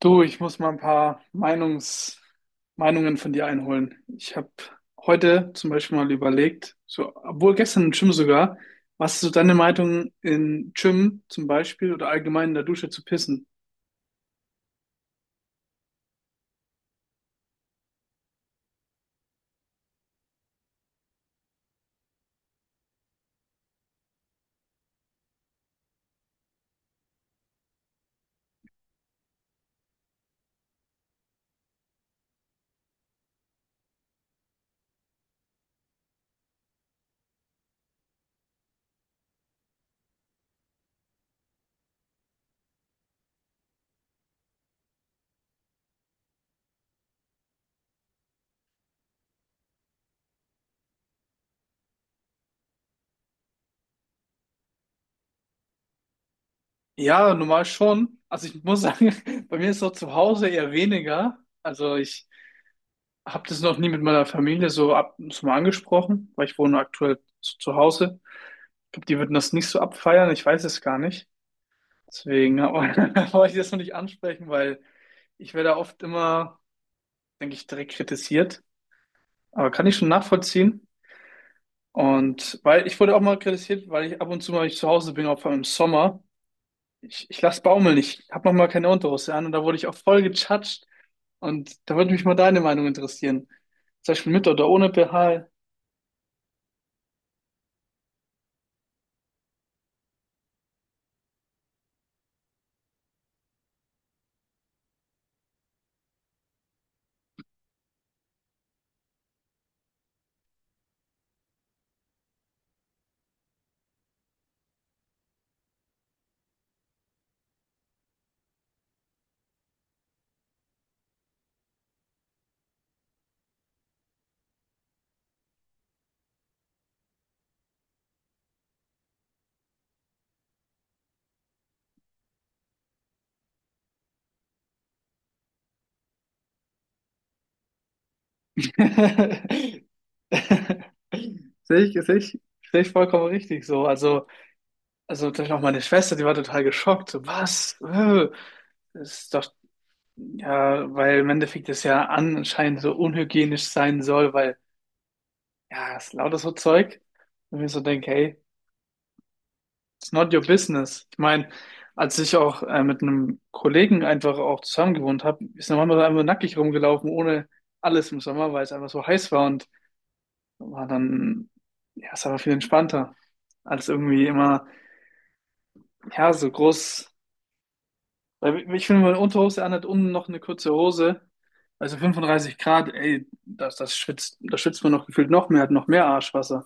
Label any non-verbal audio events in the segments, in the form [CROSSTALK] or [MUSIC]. Du, ich muss mal ein paar Meinungs Meinungen von dir einholen. Ich habe heute zum Beispiel mal überlegt, so, obwohl gestern im Gym sogar, was ist so deine Meinung in Gym zum Beispiel oder allgemein in der Dusche zu pissen? Ja, normal schon. Also ich muss sagen, [LAUGHS] bei mir ist es auch zu Hause eher weniger. Also ich habe das noch nie mit meiner Familie so, ab, so mal angesprochen, weil ich wohne aktuell zu Hause. Ich glaube, die würden das nicht so abfeiern. Ich weiß es gar nicht. Deswegen [LAUGHS] wollte ich das noch nicht ansprechen, weil ich werde oft immer, denke ich, direkt kritisiert. Aber kann ich schon nachvollziehen. Und weil ich wurde auch mal kritisiert, weil ich ab und zu mal ich zu Hause bin, auch vor allem im Sommer. Ich lasse baumeln, ich habe noch mal keine Unterhose an und da wurde ich auch voll gechatscht. Und da würde mich mal deine Meinung interessieren. Zum Beispiel mit oder ohne BH. [LAUGHS] Sehe ich, sehe ich, Sehe ich vollkommen richtig so. Also natürlich auch meine Schwester, die war total geschockt. So, was? Das ist doch, ja, weil im Endeffekt das ja anscheinend so unhygienisch sein soll, weil, ja, es ist lauter so Zeug. Und ich mir so denke, hey, it's not your business. Ich meine, als ich auch mit einem Kollegen einfach auch zusammen gewohnt habe, ist der Mann einfach nackig rumgelaufen, ohne alles im Sommer, weil es einfach so heiß war und war dann, ja, es war viel entspannter, als irgendwie immer, ja, so groß. Weil ich finde, meine Unterhose anhat, unten noch eine kurze Hose. Also 35 Grad, ey, das schwitzt, da schwitzt man noch gefühlt noch mehr, hat noch mehr Arschwasser.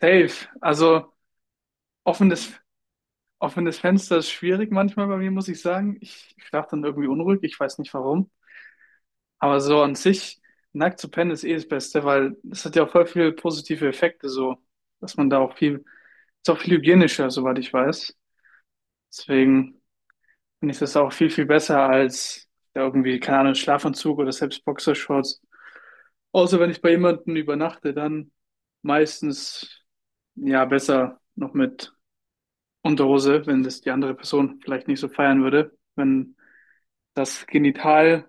Safe. Also offenes, offenes Fenster ist schwierig manchmal bei mir, muss ich sagen. Ich schlafe dann irgendwie unruhig, ich weiß nicht warum. Aber so an sich, nackt zu pennen ist eh das Beste, weil das hat ja auch voll viele positive Effekte, so, dass man da auch viel, ist auch viel hygienischer, soweit ich weiß. Deswegen finde ich das auch viel, viel besser als ja, irgendwie, keine Ahnung, Schlafanzug oder selbst Boxershorts. Außer wenn ich bei jemandem übernachte, dann meistens ja besser noch mit Unterhose, wenn das die andere Person vielleicht nicht so feiern würde, wenn das Genital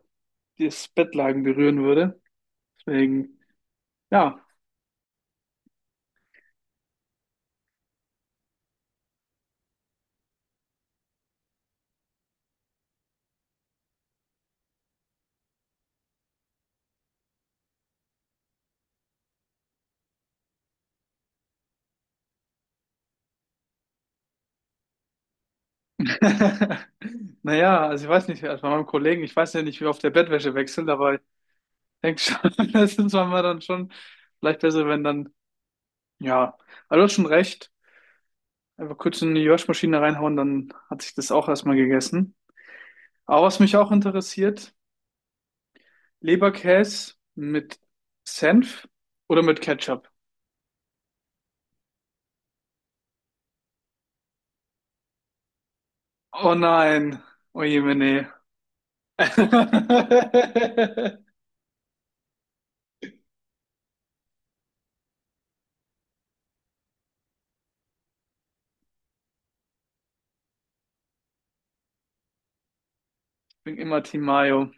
das Bettlaken berühren würde. Deswegen, ja. [LAUGHS] Naja, also ich weiß nicht, also bei meinem Kollegen, ich weiß ja nicht, wie oft der Bettwäsche wechselt, aber ich denke schon, [LAUGHS] das ist manchmal dann schon vielleicht besser, wenn dann, ja, aber du hast schon recht. Einfach kurz in die Waschmaschine reinhauen, dann hat sich das auch erstmal gegessen. Aber was mich auch interessiert, Leberkäse mit Senf oder mit Ketchup? Oh nein, oh je, jemine. [LAUGHS] Ich bin immer Team Mayo.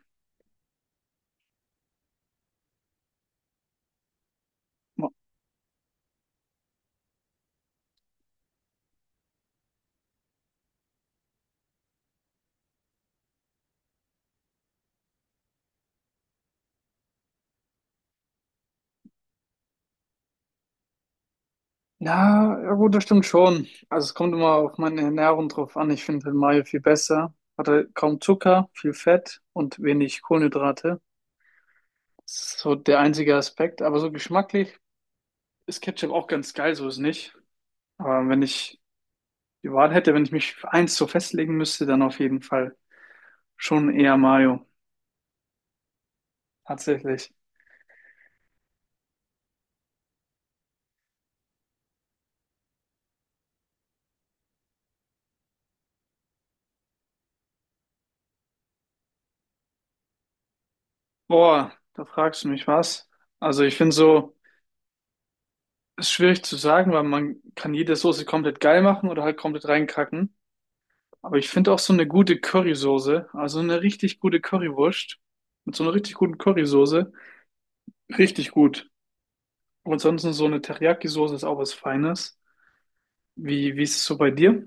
Ja, ja gut, das stimmt schon. Also es kommt immer auf meine Ernährung drauf an. Ich finde Mayo viel besser. Hat halt kaum Zucker, viel Fett und wenig Kohlenhydrate. Das ist so der einzige Aspekt. Aber so geschmacklich ist Ketchup auch ganz geil, so ist nicht. Aber wenn ich die Wahl hätte, wenn ich mich für eins so festlegen müsste, dann auf jeden Fall schon eher Mayo. Tatsächlich. Boah, da fragst du mich was. Also ich finde so, ist schwierig zu sagen, weil man kann jede Soße komplett geil machen oder halt komplett reinkacken. Aber ich finde auch so eine gute Currysoße, also eine richtig gute Currywurst mit so einer richtig guten Currysoße, richtig gut. Und ansonsten so eine Teriyaki-Soße ist auch was Feines. Wie ist es so bei dir?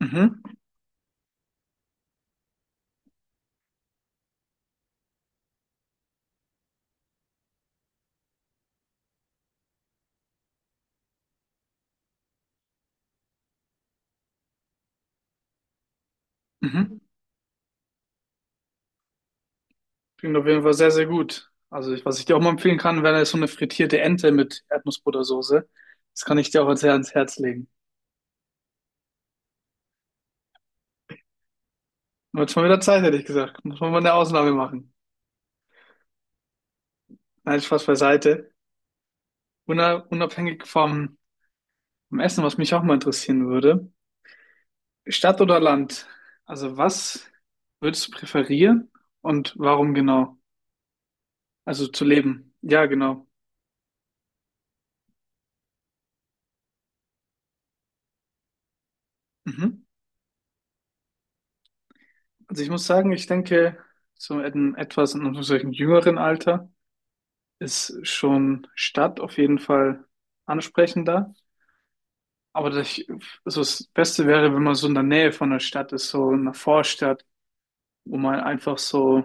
Mhm, mhm. Klingt auf jeden Fall sehr, sehr gut. Also, ich, was ich dir auch mal empfehlen kann, wäre so eine frittierte Ente mit Erdnussbuttersoße. Das kann ich dir auch sehr ans Herz legen. Wird schon wieder Zeit, hätte ich gesagt. Muss man mal eine Ausnahme machen. Nein, Spaß beiseite. Unabhängig vom Essen, was mich auch mal interessieren würde. Stadt oder Land? Also, was würdest du präferieren und warum genau? Also, zu leben. Ja, genau. Mhm. Also, ich muss sagen, ich denke, so in etwas in einem solchen jüngeren Alter ist schon Stadt auf jeden Fall ansprechender. Aber das, also das Beste wäre, wenn man so in der Nähe von der Stadt ist, so in einer Vorstadt, wo man einfach so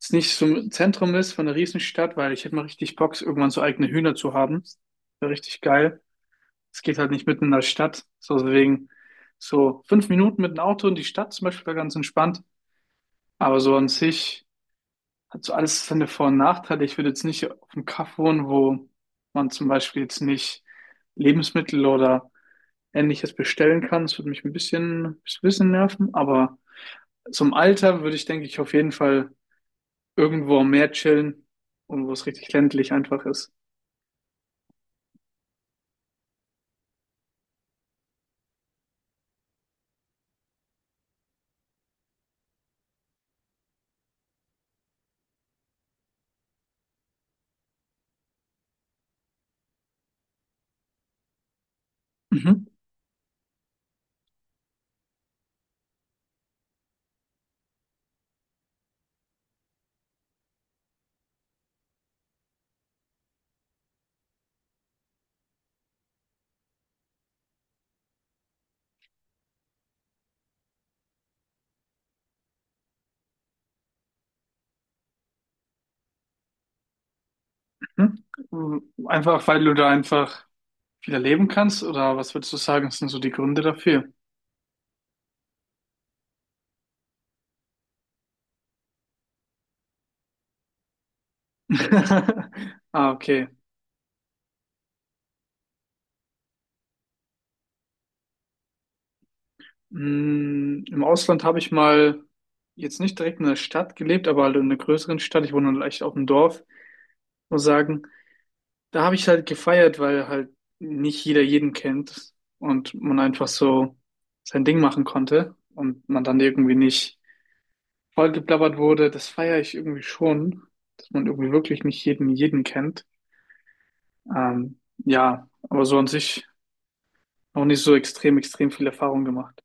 jetzt nicht so im Zentrum ist von einer Riesenstadt, weil ich hätte mal richtig Bock, irgendwann so eigene Hühner zu haben. Wäre richtig geil. Es geht halt nicht mitten in der Stadt. So deswegen so fünf Minuten mit dem Auto in die Stadt zum Beispiel wäre ganz entspannt. Aber so an sich hat so alles seine Vor- und Nachteile. Ich würde jetzt nicht auf dem Kaff wohnen, wo man zum Beispiel jetzt nicht Lebensmittel oder Ähnliches bestellen kann. Das würde mich ein bisschen nerven. Aber zum Alter würde ich, denke ich, auf jeden Fall irgendwo am Meer chillen und wo es richtig ländlich einfach ist. Mhm. Mhm. Einfach, weil du da einfach wieder leben kannst, oder was würdest du sagen, sind so die Gründe dafür? [LAUGHS] Ah, okay. Mm, im Ausland habe ich mal jetzt nicht direkt in der Stadt gelebt, aber halt in einer größeren Stadt. Ich wohne leicht auf dem Dorf. Muss sagen, da habe ich halt gefeiert, weil halt nicht jeder jeden kennt und man einfach so sein Ding machen konnte und man dann irgendwie nicht vollgeblabbert wurde. Das feiere ich irgendwie schon, dass man irgendwie wirklich nicht jeden jeden kennt. Ja, aber so an sich noch nicht so extrem, extrem viel Erfahrung gemacht.